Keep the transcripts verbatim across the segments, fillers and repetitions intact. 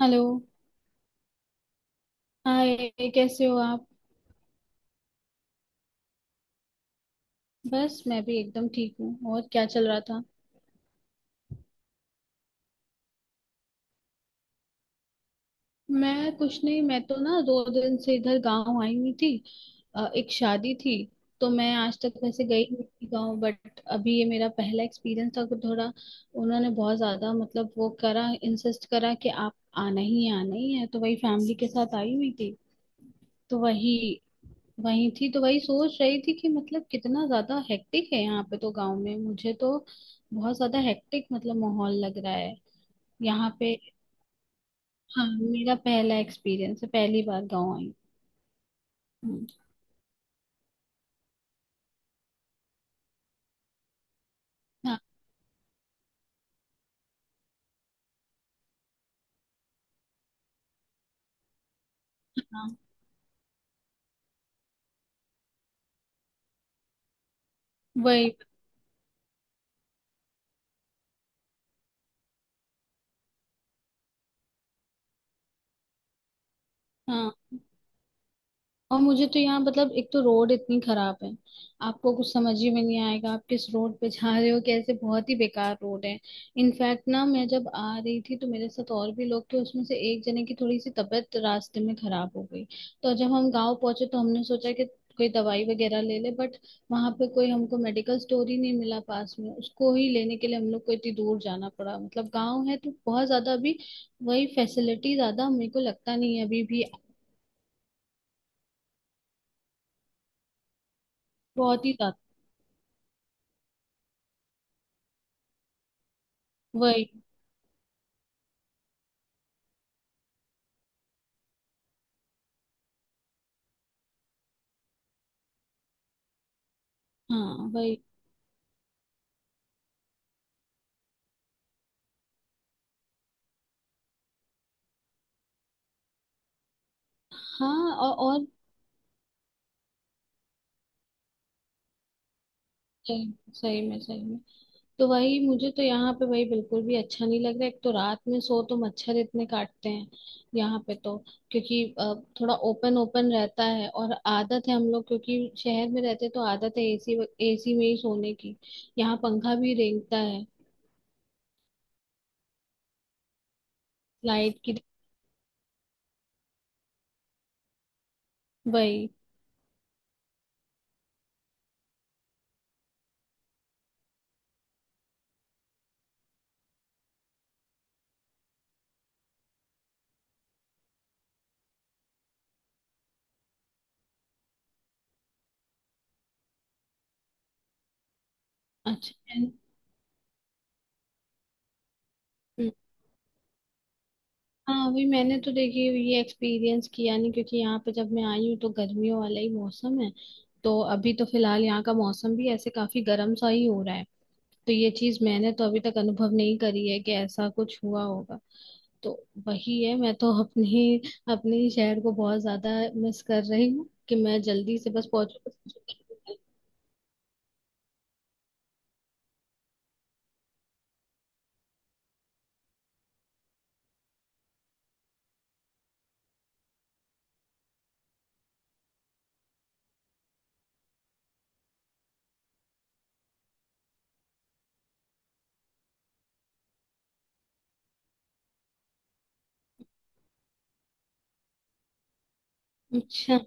Hello. Hi. कैसे हो आप? बस मैं भी एकदम ठीक हूँ। और क्या चल रहा था? मैं कुछ नहीं, मैं तो ना दो दिन से इधर गांव आई हुई थी। अ, एक शादी थी। तो मैं आज तक वैसे गई नहीं थी गांव, बट अभी ये मेरा पहला एक्सपीरियंस था तो थोड़ा उन्होंने बहुत ज्यादा मतलब वो करा, इंसिस्ट करा कि आप आना ही आना ही है, तो वही फैमिली के साथ आई हुई थी। तो वही वही थी तो वही सोच रही थी कि मतलब कितना ज्यादा हेक्टिक है यहाँ पे, तो गांव में मुझे तो बहुत ज्यादा हेक्टिक मतलब माहौल लग रहा है। यहाँ पे। हाँ, मेरा पहला एक्सपीरियंस है, पहली बार गांव आई। हूँ। हाँ, हाँ। वही। हाँ। और मुझे तो यहाँ मतलब एक तो रोड इतनी खराब है, आपको कुछ समझ ही में नहीं आएगा, आप किस रोड पे जा रहे हो कैसे, बहुत ही बेकार रोड है। इनफैक्ट ना मैं जब आ रही थी तो मेरे साथ और भी लोग थे, उसमें से एक जने की थोड़ी सी तबीयत रास्ते में खराब हो गई। तो जब हम गांव पहुंचे तो हमने सोचा कि कोई दवाई वगैरह ले ले, बट वहां पे कोई हमको मेडिकल स्टोर ही नहीं मिला पास में, उसको ही लेने के लिए हम लोग को इतनी दूर जाना पड़ा। मतलब गांव है तो बहुत ज्यादा अभी वही फैसिलिटी ज्यादा मेरे को लगता नहीं है अभी भी। बहुत ही ज्यादा। वही। हाँ वही। हाँ और और सही सही में, सही में। तो वही मुझे तो यहाँ पे वही बिल्कुल भी अच्छा नहीं लग रहा, एक तो रात में सो तो मच्छर इतने काटते हैं यहाँ पे। तो क्योंकि अ, थोड़ा ओपन ओपन रहता है, और आदत है हम लोग क्योंकि शहर में रहते हैं, तो आदत है एसी एसी में ही सोने की। यहाँ पंखा भी रेंगता है। लाइट की। वही। अच्छा है। हाँ वही मैंने तो देखिए ये एक्सपीरियंस किया नहीं, क्योंकि यहाँ पे जब मैं आई हूँ तो गर्मियों वाला ही मौसम है। तो अभी तो फिलहाल यहाँ का मौसम भी ऐसे काफी गर्म सा ही हो रहा है, तो ये चीज मैंने तो अभी तक अनुभव नहीं करी है कि ऐसा कुछ हुआ होगा। तो वही है। मैं तो अपने अपने ही शहर को बहुत ज्यादा मिस कर रही हूँ कि मैं जल्दी से बस पहुंच। अच्छा।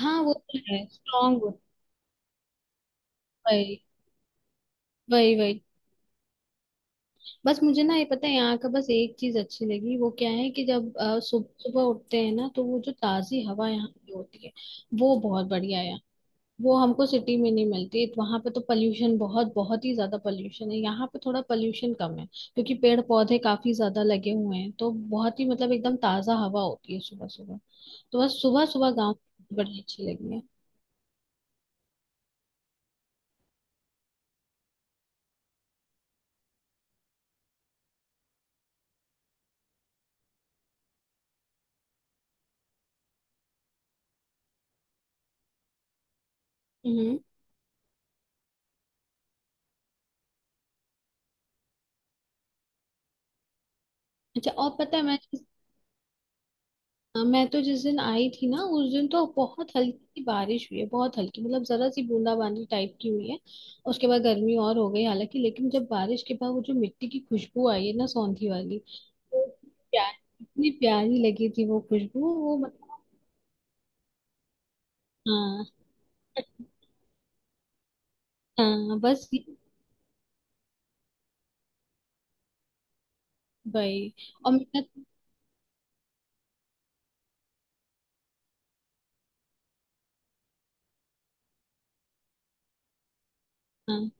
हाँ वो तो है, स्ट्रांग हो। वही, वही, वही। बस मुझे ना ये पता है, यहाँ का बस एक चीज अच्छी लगी, वो क्या है कि जब सुबह सुबह उठते हैं ना तो वो जो ताजी हवा यहाँ की होती है वो बहुत बढ़िया है। वो हमको सिटी में नहीं मिलती। वहां पे तो पोल्यूशन बहुत, बहुत ही ज्यादा पोल्यूशन है, यहाँ पे थोड़ा पोल्यूशन कम है, क्योंकि पेड़ पौधे काफी ज्यादा लगे हुए हैं, तो बहुत ही मतलब एकदम ताजा हवा होती है सुबह सुबह। तो बस सुबह सुबह गाँव बड़ी अच्छी लगी है। हम्म। अच्छा और पता है मैं हाँ, मैं तो जिस दिन आई थी ना उस दिन तो बहुत हल्की सी बारिश हुई है, बहुत हल्की मतलब जरा सी बूंदाबांदी टाइप की हुई है। उसके बाद गर्मी और हो गई हालांकि, लेकिन जब बारिश के बाद वो जो मिट्टी की खुशबू आई है ना सौंधी वाली, वो प्यार इतनी प्यारी लगी थी वो खुशबू, वो मतलब। हाँ। हाँ बस ये- भाई। और मेरा। हाँ।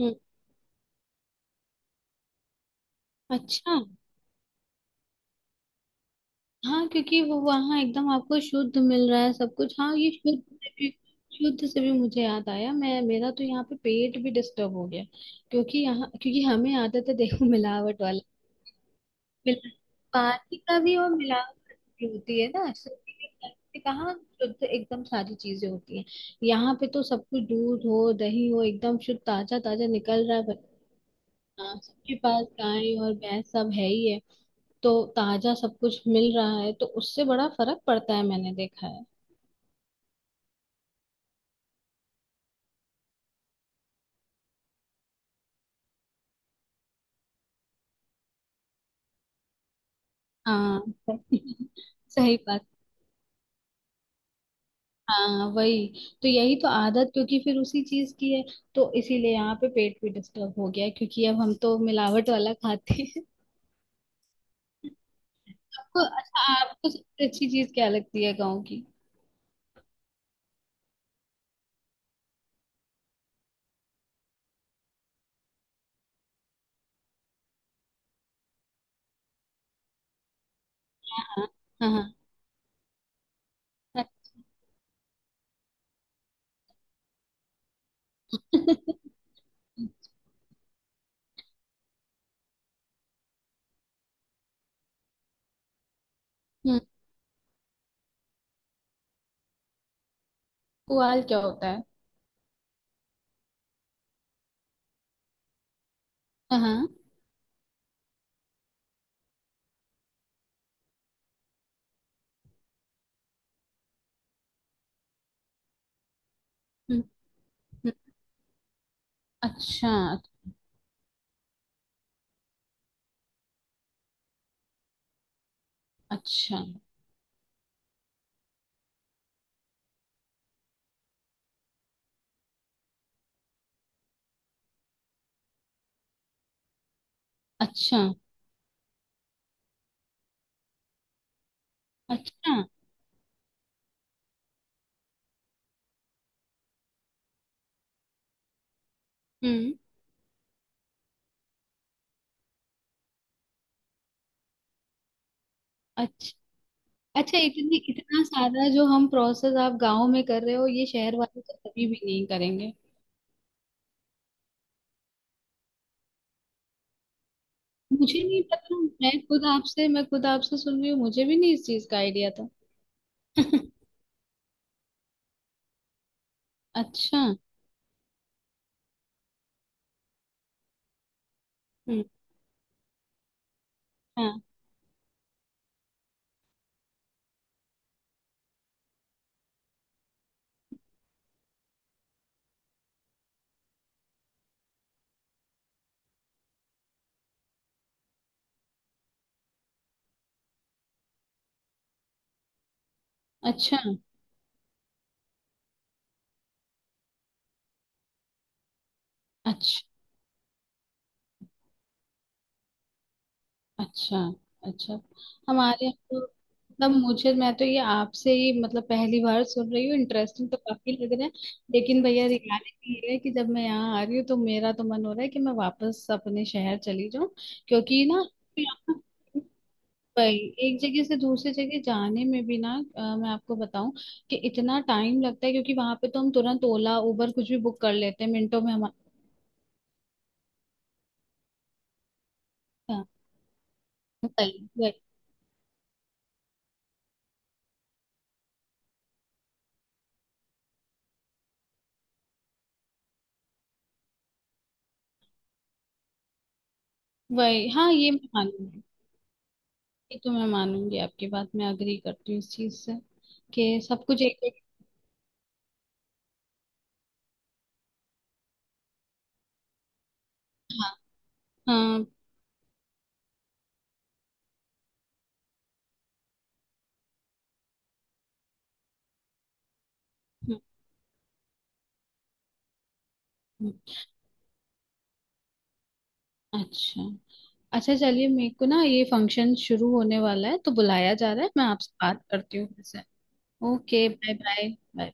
हम्म। अच्छा। हाँ क्योंकि वो वहाँ एकदम आपको शुद्ध मिल रहा है सब कुछ। हाँ ये शुद्ध से भी, शुद्ध से भी मुझे याद आया। मैं मेरा तो यहाँ पे पेट भी डिस्टर्ब हो गया, क्योंकि यहाँ क्योंकि हमें आदत है देखो मिलावट वाला मिला, पानी का भी, और मिलावट भी होती है ना सब्जी में, कहाँ शुद्ध एकदम सारी चीजें होती हैं। यहाँ पे तो सब कुछ दूध हो दही हो एकदम शुद्ध ताजा ताजा निकल रहा है। हाँ सबके पास गाय और भैंस सब है ही है, तो ताजा सब कुछ मिल रहा है, तो उससे बड़ा फर्क पड़ता है, मैंने देखा है। हाँ। सही बात। हाँ वही तो, यही तो आदत, क्योंकि फिर उसी चीज की है। तो इसीलिए यहाँ पे पेट भी डिस्टर्ब हो गया है, क्योंकि अब हम तो मिलावट वाला खाते हैं। आपको अच्छा आपको सबसे अच्छी चीज क्या लगती है गाँव की? हाँ, हाँ, हाँ। हम्म। पुआल क्या होता है? हाँ, हाँ। हम्म। हम्म। अच्छा। अच्छा। अच्छा। अच्छा। हम्म। अच्छा। अच्छा इतनी इतना सारा जो हम प्रोसेस आप गांव में कर रहे हो, ये शहर वाले तो कभी भी नहीं करेंगे। मुझे नहीं पता। मैं खुद आपसे मैं खुद आपसे सुन रही हूँ, मुझे भी नहीं इस चीज का आइडिया था। अच्छा। हम्म। हाँ। अच्छा। अच्छा। अच्छा। अच्छा। हमारे यहाँ तो मतलब मुझे मैं तो ये आपसे ही मतलब पहली बार सुन रही हूँ, इंटरेस्टिंग तो काफी लग रहा है। लेकिन भैया रियलिटी ये है कि जब मैं यहाँ आ रही हूँ तो मेरा तो मन हो रहा है कि मैं वापस अपने शहर चली जाऊँ, क्योंकि ना यहाँ भाई एक जगह से दूसरी जगह जाने में भी ना अ, मैं आपको बताऊं कि इतना टाइम लगता है, क्योंकि वहां पे तो हम तुरंत ओला उबर कुछ भी बुक कर लेते हैं मिनटों में हमारे। हाँ, वही, वही, वही। हाँ ये मैं मानूंगी। ये तो मैं मानूंगी आपकी बात, मैं अग्री करती हूँ इस चीज से कि सब कुछ एक एक। हाँ, हाँ। हम्म। हम्म। अच्छा। अच्छा चलिए, मेरे को ना ये फंक्शन शुरू होने वाला है, तो बुलाया जा रहा है, मैं आपसे बात करती हूँ फिर से। Okay, bye bye. बाय।